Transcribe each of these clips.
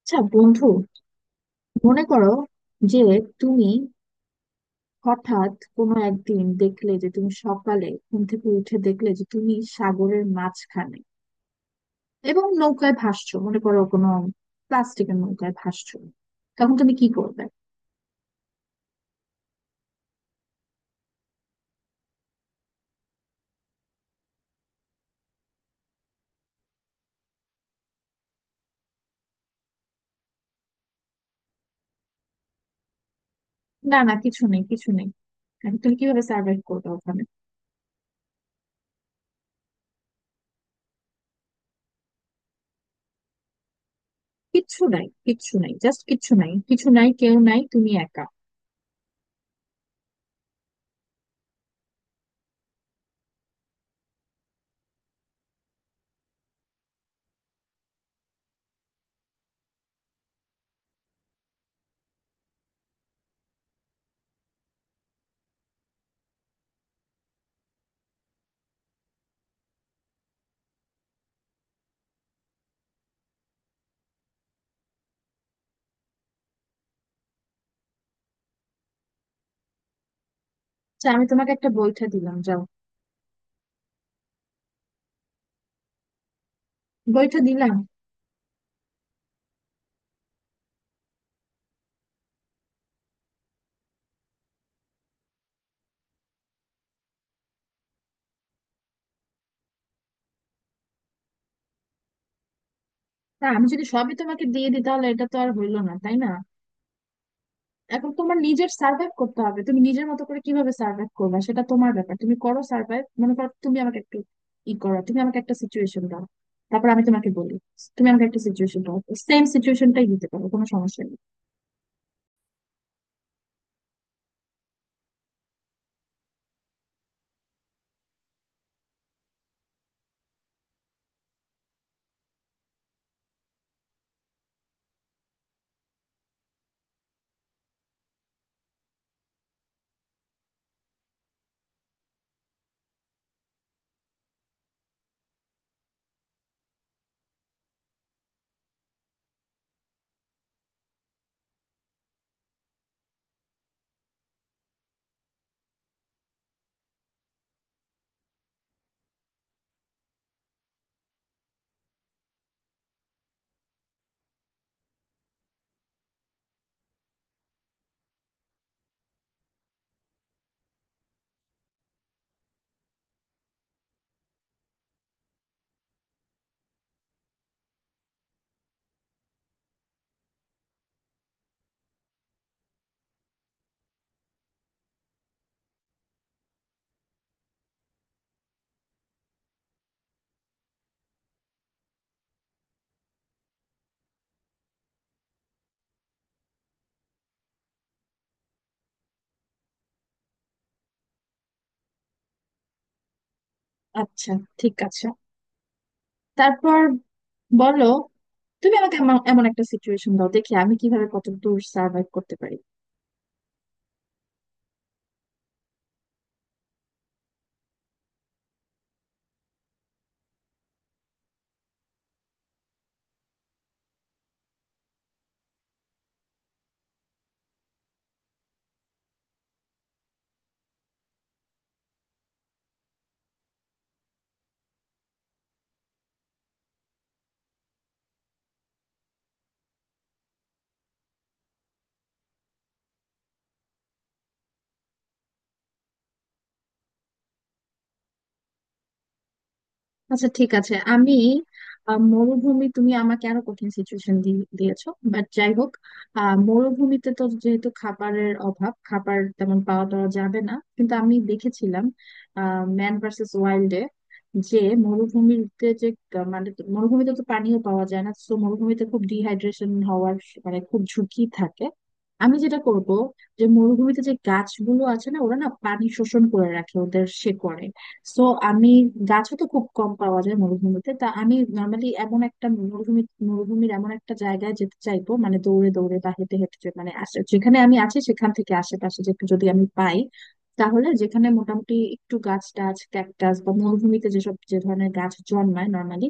আচ্ছা বন্ধু, মনে করো যে তুমি হঠাৎ কোনো একদিন দেখলে যে তুমি সকালে ঘুম থেকে উঠে দেখলে যে তুমি সাগরের মাঝখানে এবং নৌকায় ভাসছো। মনে করো কোনো প্লাস্টিকের নৌকায় ভাসছো। তখন তুমি কি করবে? না, না, কিছু নেই, কিছু নেই। এখন তুমি কিভাবে সার্ভাইভ করবে ওখানে? কিচ্ছু নাই, কিচ্ছু নাই, জাস্ট কিচ্ছু নাই, কিছু নাই, কেউ নাই, তুমি একা। আচ্ছা, আমি তোমাকে একটা বইটা দিলাম, যাও। বইটা দিলাম। তা আমি যদি সবই তোমাকে দিয়ে দিই তাহলে এটা তো আর হইলো না, তাই না? এখন তোমার নিজের সার্ভাইভ করতে হবে। তুমি নিজের মতো করে কিভাবে সার্ভাইভ করবে সেটা তোমার ব্যাপার। তুমি করো সার্ভাইভ। মনে করো, তুমি আমাকে একটু করো। তুমি আমাকে একটা সিচুয়েশন দাও, তারপর আমি তোমাকে বলি। তুমি আমাকে একটা সিচুয়েশন দাও, সেম সিচুয়েশনটাই দিতে পারো, কোনো সমস্যা নেই। আচ্ছা, ঠিক আছে। তারপর বলো। তুমি আমাকে এমন এমন একটা সিচুয়েশন দাও, দেখি আমি কিভাবে কত দূর সার্ভাইভ করতে পারি। আচ্ছা, ঠিক আছে। আমি মরুভূমি, তুমি আমাকে আরো কঠিন সিচুয়েশন দিয়েছো, বাট যাই হোক। মরুভূমিতে তো যেহেতু খাবারের অভাব, খাবার তেমন পাওয়া টাওয়া যাবে না, কিন্তু আমি দেখেছিলাম ম্যান ভার্সেস ওয়াইল্ডে যে মরুভূমিতে যে মানে মরুভূমিতে তো পানিও পাওয়া যায় না। তো মরুভূমিতে খুব ডিহাইড্রেশন হওয়ার মানে খুব ঝুঁকি থাকে। আমি যেটা করব, যে মরুভূমিতে যে গাছগুলো আছে না, ওরা না পানি শোষণ করে রাখে ওদের শেকড়ে। সো আমি, গাছও তো খুব কম পাওয়া যায় মরুভূমিতে, তা আমি নর্মালি এমন একটা মরুভূমির এমন একটা জায়গায় যেতে চাইবো, মানে দৌড়ে দৌড়ে বা হেঁটে হেঁটে মানে যেখানে আমি আছি সেখান থেকে আশেপাশে যেটু যদি আমি পাই, তাহলে যেখানে মোটামুটি একটু গাছ টাছ, ক্যাকটাস বা মরুভূমিতে যেসব, যে ধরনের গাছ জন্মায় নর্মালি,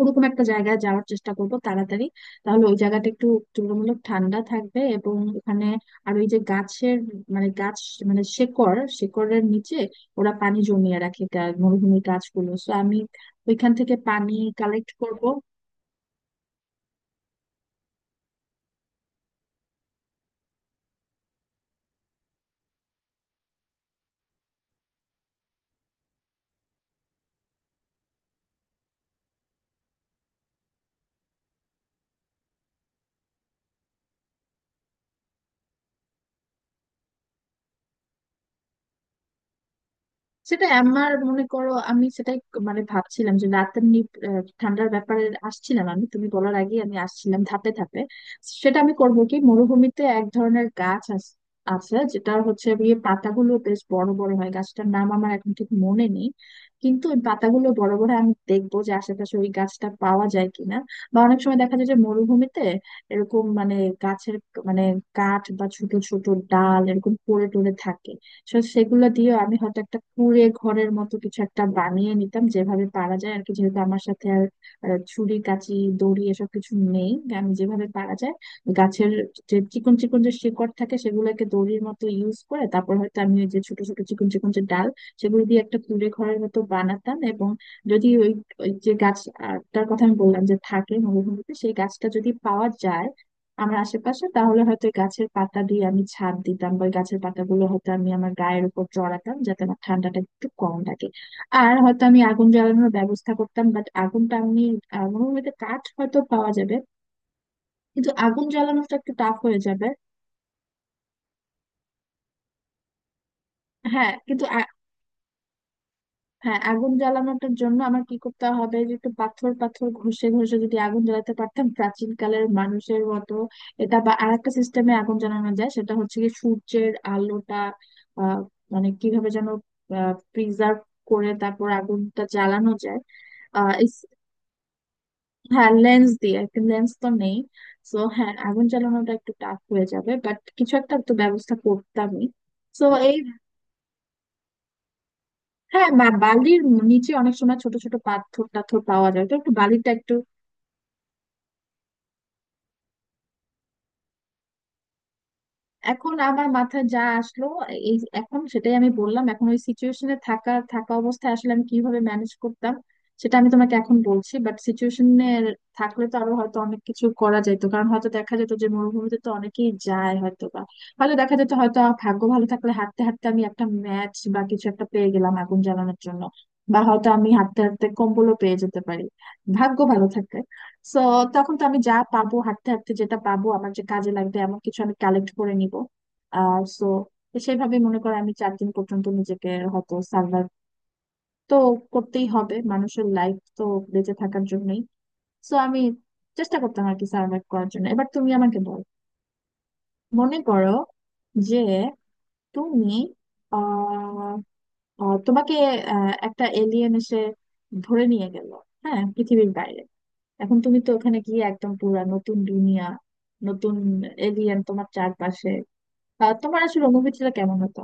ওরকম একটা জায়গায় যাওয়ার চেষ্টা করব তাড়াতাড়ি। তাহলে ওই জায়গাটা একটু তুলনামূলক ঠান্ডা থাকবে এবং ওখানে, আর ওই যে গাছের, মানে গাছ, মানে শেকড়, শেকড়ের নিচে ওরা পানি জমিয়ে রাখে, মরুভূমির গাছগুলো, তো আমি ওইখান থেকে পানি কালেক্ট করব। সেটা আমার, মনে করো, আমি সেটাই মানে ভাবছিলাম, যে রাতের ঠান্ডার ব্যাপারে আসছিলাম। আমি তুমি বলার আগে আমি আসছিলাম ধাপে ধাপে। সেটা আমি করবো কি, মরুভূমিতে এক ধরনের গাছ আছে, যেটা হচ্ছে পাতাগুলো বেশ বড় বড় হয়। গাছটার নাম আমার এখন ঠিক মনে নেই, কিন্তু ওই পাতাগুলো বড় বড় হয়। আমি দেখবো যে আশেপাশে ওই গাছটা পাওয়া যায় কিনা। বা অনেক সময় দেখা যায় যে মরুভূমিতে এরকম, মানে গাছের, মানে কাঠ বা ছোট ছোট ডাল এরকম পড়ে টড়ে থাকে। সো সেগুলো দিয়ে আমি হয়তো একটা কুঁড়ে ঘরের মতো কিছু একটা বানিয়ে নিতাম, যেভাবে পারা যায় আর কি, যেহেতু আমার সাথে আর ছুরি, কাঁচি, দড়ি এসব কিছু নেই। আমি যেভাবে পারা যায়, গাছের যে চিকন চিকন যে শিকড় থাকে, সেগুলোকে দড়ির মতো ইউজ করে তারপর হয়তো আমি ওই যে ছোট ছোট চিকন চিকন যে ডাল, সেগুলো দিয়ে একটা কুঁড়ে ঘরের মতো বানাতাম। এবং যদি ওই ওই যে গাছটার কথা আমি বললাম যে থাকে মরুভূমিতে, সেই গাছটা যদি পাওয়া যায় আমার আশেপাশে, তাহলে হয়তো ওই গাছের পাতা দিয়ে আমি ছাদ দিতাম, বা ওই গাছের পাতাগুলো হয়তো আমি আমার গায়ের উপর চড়াতাম, যাতে আমার ঠান্ডাটা একটু কম লাগে। আর হয়তো আমি আগুন জ্বালানোর ব্যবস্থা করতাম, বাট আগুনটা আমি, মরুভূমিতে কাঠ হয়তো পাওয়া যাবে কিন্তু আগুন জ্বালানোটা একটু টাফ হয়ে যাবে। হ্যাঁ, কিন্তু হ্যাঁ, আগুন জ্বালানোটার জন্য আমার কি করতে হবে, যে একটু পাথর পাথর ঘষে ঘষে যদি আগুন জ্বালাতে পারতাম প্রাচীন কালের মানুষের মতো, এটা বা আরেকটা সিস্টেমে আগুন জ্বালানো যায়, সেটা হচ্ছে কি সূর্যের আলোটা আহ মানে কিভাবে যেন প্রিজার্ভ করে তারপর আগুনটা জ্বালানো যায়। আহ ইস- হ্যাঁ, লেন্স দিয়ে একটা লেন্স তো নেই। তো হ্যাঁ, আগুন জ্বালানোটা একটু টাফ হয়ে যাবে, বাট কিছু একটা তো ব্যবস্থা করতামই। তো হ্যাঁ, বা বালির নিচে অনেক সময় ছোট ছোট পাথর টাথর পাওয়া যায়, তো একটু বালিটা একটু। এখন আমার মাথায় যা আসলো, এই এখন সেটাই আমি বললাম। এখন ওই সিচুয়েশনে থাকা থাকা অবস্থায় আসলে আমি কিভাবে ম্যানেজ করতাম সেটা আমি তোমাকে এখন বলছি, বাট সিচুয়েশনে থাকলে তো আরো হয়তো অনেক কিছু করা যেত, কারণ হয়তো দেখা যেত যে মরুভূমিতে তো অনেকেই যায় হয়তো, বা হয়তো দেখা যেত, হয়তো আমার ভাগ্য ভালো থাকলে হাঁটতে হাঁটতে আমি একটা ম্যাচ বা কিছু একটা পেয়ে গেলাম আগুন জ্বালানোর জন্য। বা হয়তো আমি হাঁটতে হাঁটতে কম্বলও পেয়ে যেতে পারি, ভাগ্য ভালো থাকে। সো তখন তো আমি যা পাবো হাঁটতে হাঁটতে, যেটা পাবো আমার যে কাজে লাগবে এমন কিছু, আমি কালেক্ট করে নিব। আর সো সেভাবে মনে করো আমি 4 দিন পর্যন্ত নিজেকে হয়তো সার্ভাইভ, তো করতেই হবে, মানুষের লাইফ তো বেঁচে থাকার জন্যই। সো আমি চেষ্টা করতাম আর কি, সার্ভাইভ করার জন্য। এবার তুমি আমাকে বলো। মনে করো যে তুমি আহ তোমাকে একটা এলিয়েন এসে ধরে নিয়ে গেল, হ্যাঁ, পৃথিবীর বাইরে। এখন তুমি তো ওখানে গিয়ে একদম পুরা নতুন দুনিয়া, নতুন এলিয়েন তোমার চারপাশে, তোমার আসলে অনুভূতিটা কেমন হতো?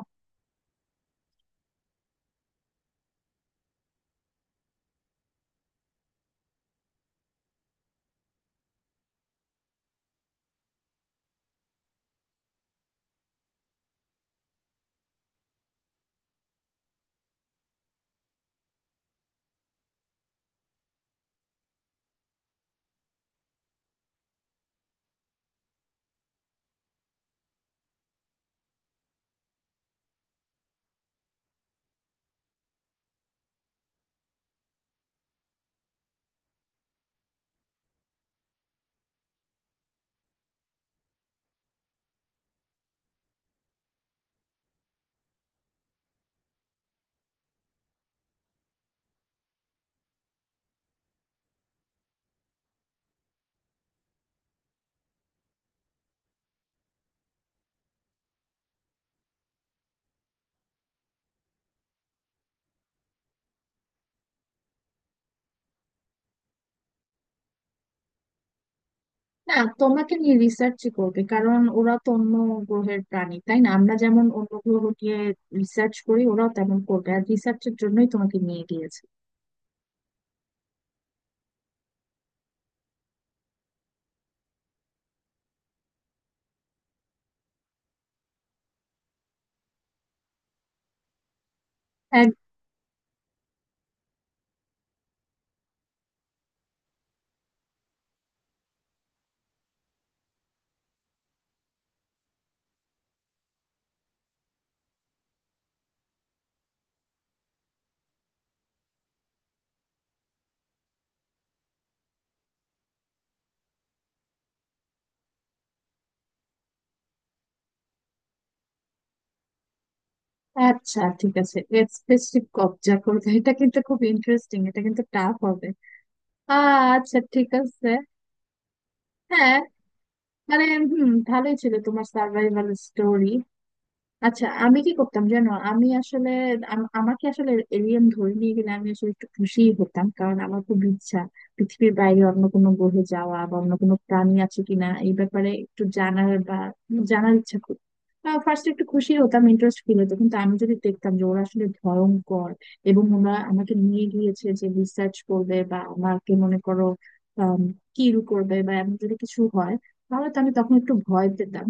না, তোমাকে নিয়ে রিসার্চই করবে, কারণ ওরা তো অন্য গ্রহের প্রাণী, তাই না? আমরা যেমন অন্য গ্রহ নিয়ে রিসার্চ করি, ওরাও তেমন করবে, আর রিসার্চের জন্যই তোমাকে নিয়ে গিয়েছে। এক- আচ্ছা, ঠিক আছে। স্পেসশিপ কবজা করবে, এটা কিন্তু খুব ইন্টারেস্টিং, এটা কিন্তু টাফ হবে। আচ্ছা, ঠিক আছে। হ্যাঁ, মানে ভালোই ছিল তোমার সার্ভাইভাল স্টোরি। আচ্ছা, আমি কি করতাম জানো, আমি আসলে, আমাকে আসলে এলিয়েন ধরে নিয়ে গেলে আমি আসলে একটু খুশি হতাম, কারণ আমার খুব ইচ্ছা পৃথিবীর বাইরে অন্য কোনো গ্রহে যাওয়া বা অন্য কোনো প্রাণী আছে কিনা এই ব্যাপারে একটু জানার, বা জানার ইচ্ছা খুব। ফার্স্ট একটু খুশি হতাম, ইন্টারেস্ট ফিল হতো, কিন্তু আমি যদি দেখতাম যে ওরা আসলে ভয়ঙ্কর এবং ওরা আমাকে নিয়ে গিয়েছে যে রিসার্চ করবে বা আমাকে মনে করো কিল করবে বা এমন যদি কিছু হয়, তাহলে তো আমি তখন একটু ভয় পেতাম।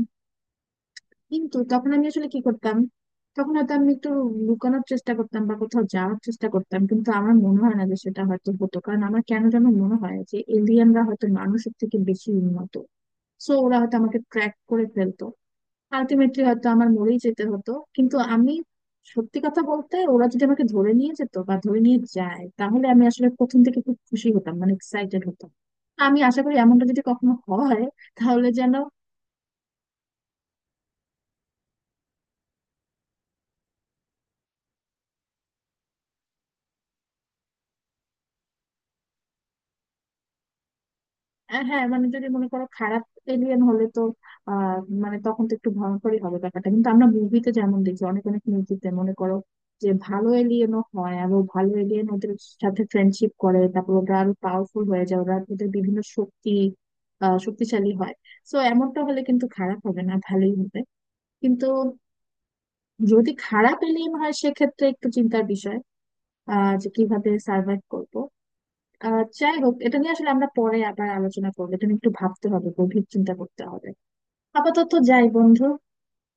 কিন্তু তখন আমি আসলে কি করতাম, তখন হয়তো আমি একটু লুকানোর চেষ্টা করতাম বা কোথাও যাওয়ার চেষ্টা করতাম, কিন্তু আমার মনে হয় না যে সেটা হয়তো হতো, কারণ আমার কেন যেন মনে হয় যে এলিয়েনরা হয়তো মানুষের থেকে বেশি উন্নত। সো ওরা হয়তো আমাকে ট্র্যাক করে ফেলতো, আলটিমেটলি হয়তো আমার মরেই যেতে হতো। কিন্তু আমি সত্যি কথা বলতে, ওরা যদি আমাকে ধরে নিয়ে যেত বা ধরে নিয়ে যায় তাহলে আমি আসলে প্রথম থেকে খুব খুশি হতাম, মানে এক্সাইটেড হতাম। আমি আশা করি এমনটা যদি কখনো হয় তাহলে যেন। হ্যাঁ, মানে যদি মনে করো খারাপ এলিয়েন হলে তো, আহ মানে তখন তো একটু ভয়ঙ্করই হবে ব্যাপারটা, কিন্তু আমরা মুভিতে যেমন দেখি অনেক অনেক মুভিতে, মনে করো যে ভালো এলিয়েনও হয় এবং ভালো এলিয়েন ওদের সাথে ফ্রেন্ডশিপ করে, তারপর ওরা আরো পাওয়ারফুল হয়ে যায়, ওরা ওদের বিভিন্ন শক্তি, শক্তিশালী হয়। তো এমনটা হলে কিন্তু খারাপ হবে না, ভালোই হবে, কিন্তু যদি খারাপ এলিয়েন হয় সেক্ষেত্রে একটু চিন্তার বিষয়, যে কিভাবে সার্ভাইভ করব। যাই হোক, এটা নিয়ে আসলে আমরা পরে আবার আলোচনা করবো, তুমি একটু ভাবতে হবে, গভীর চিন্তা করতে হবে। আপাতত যাই, বন্ধু।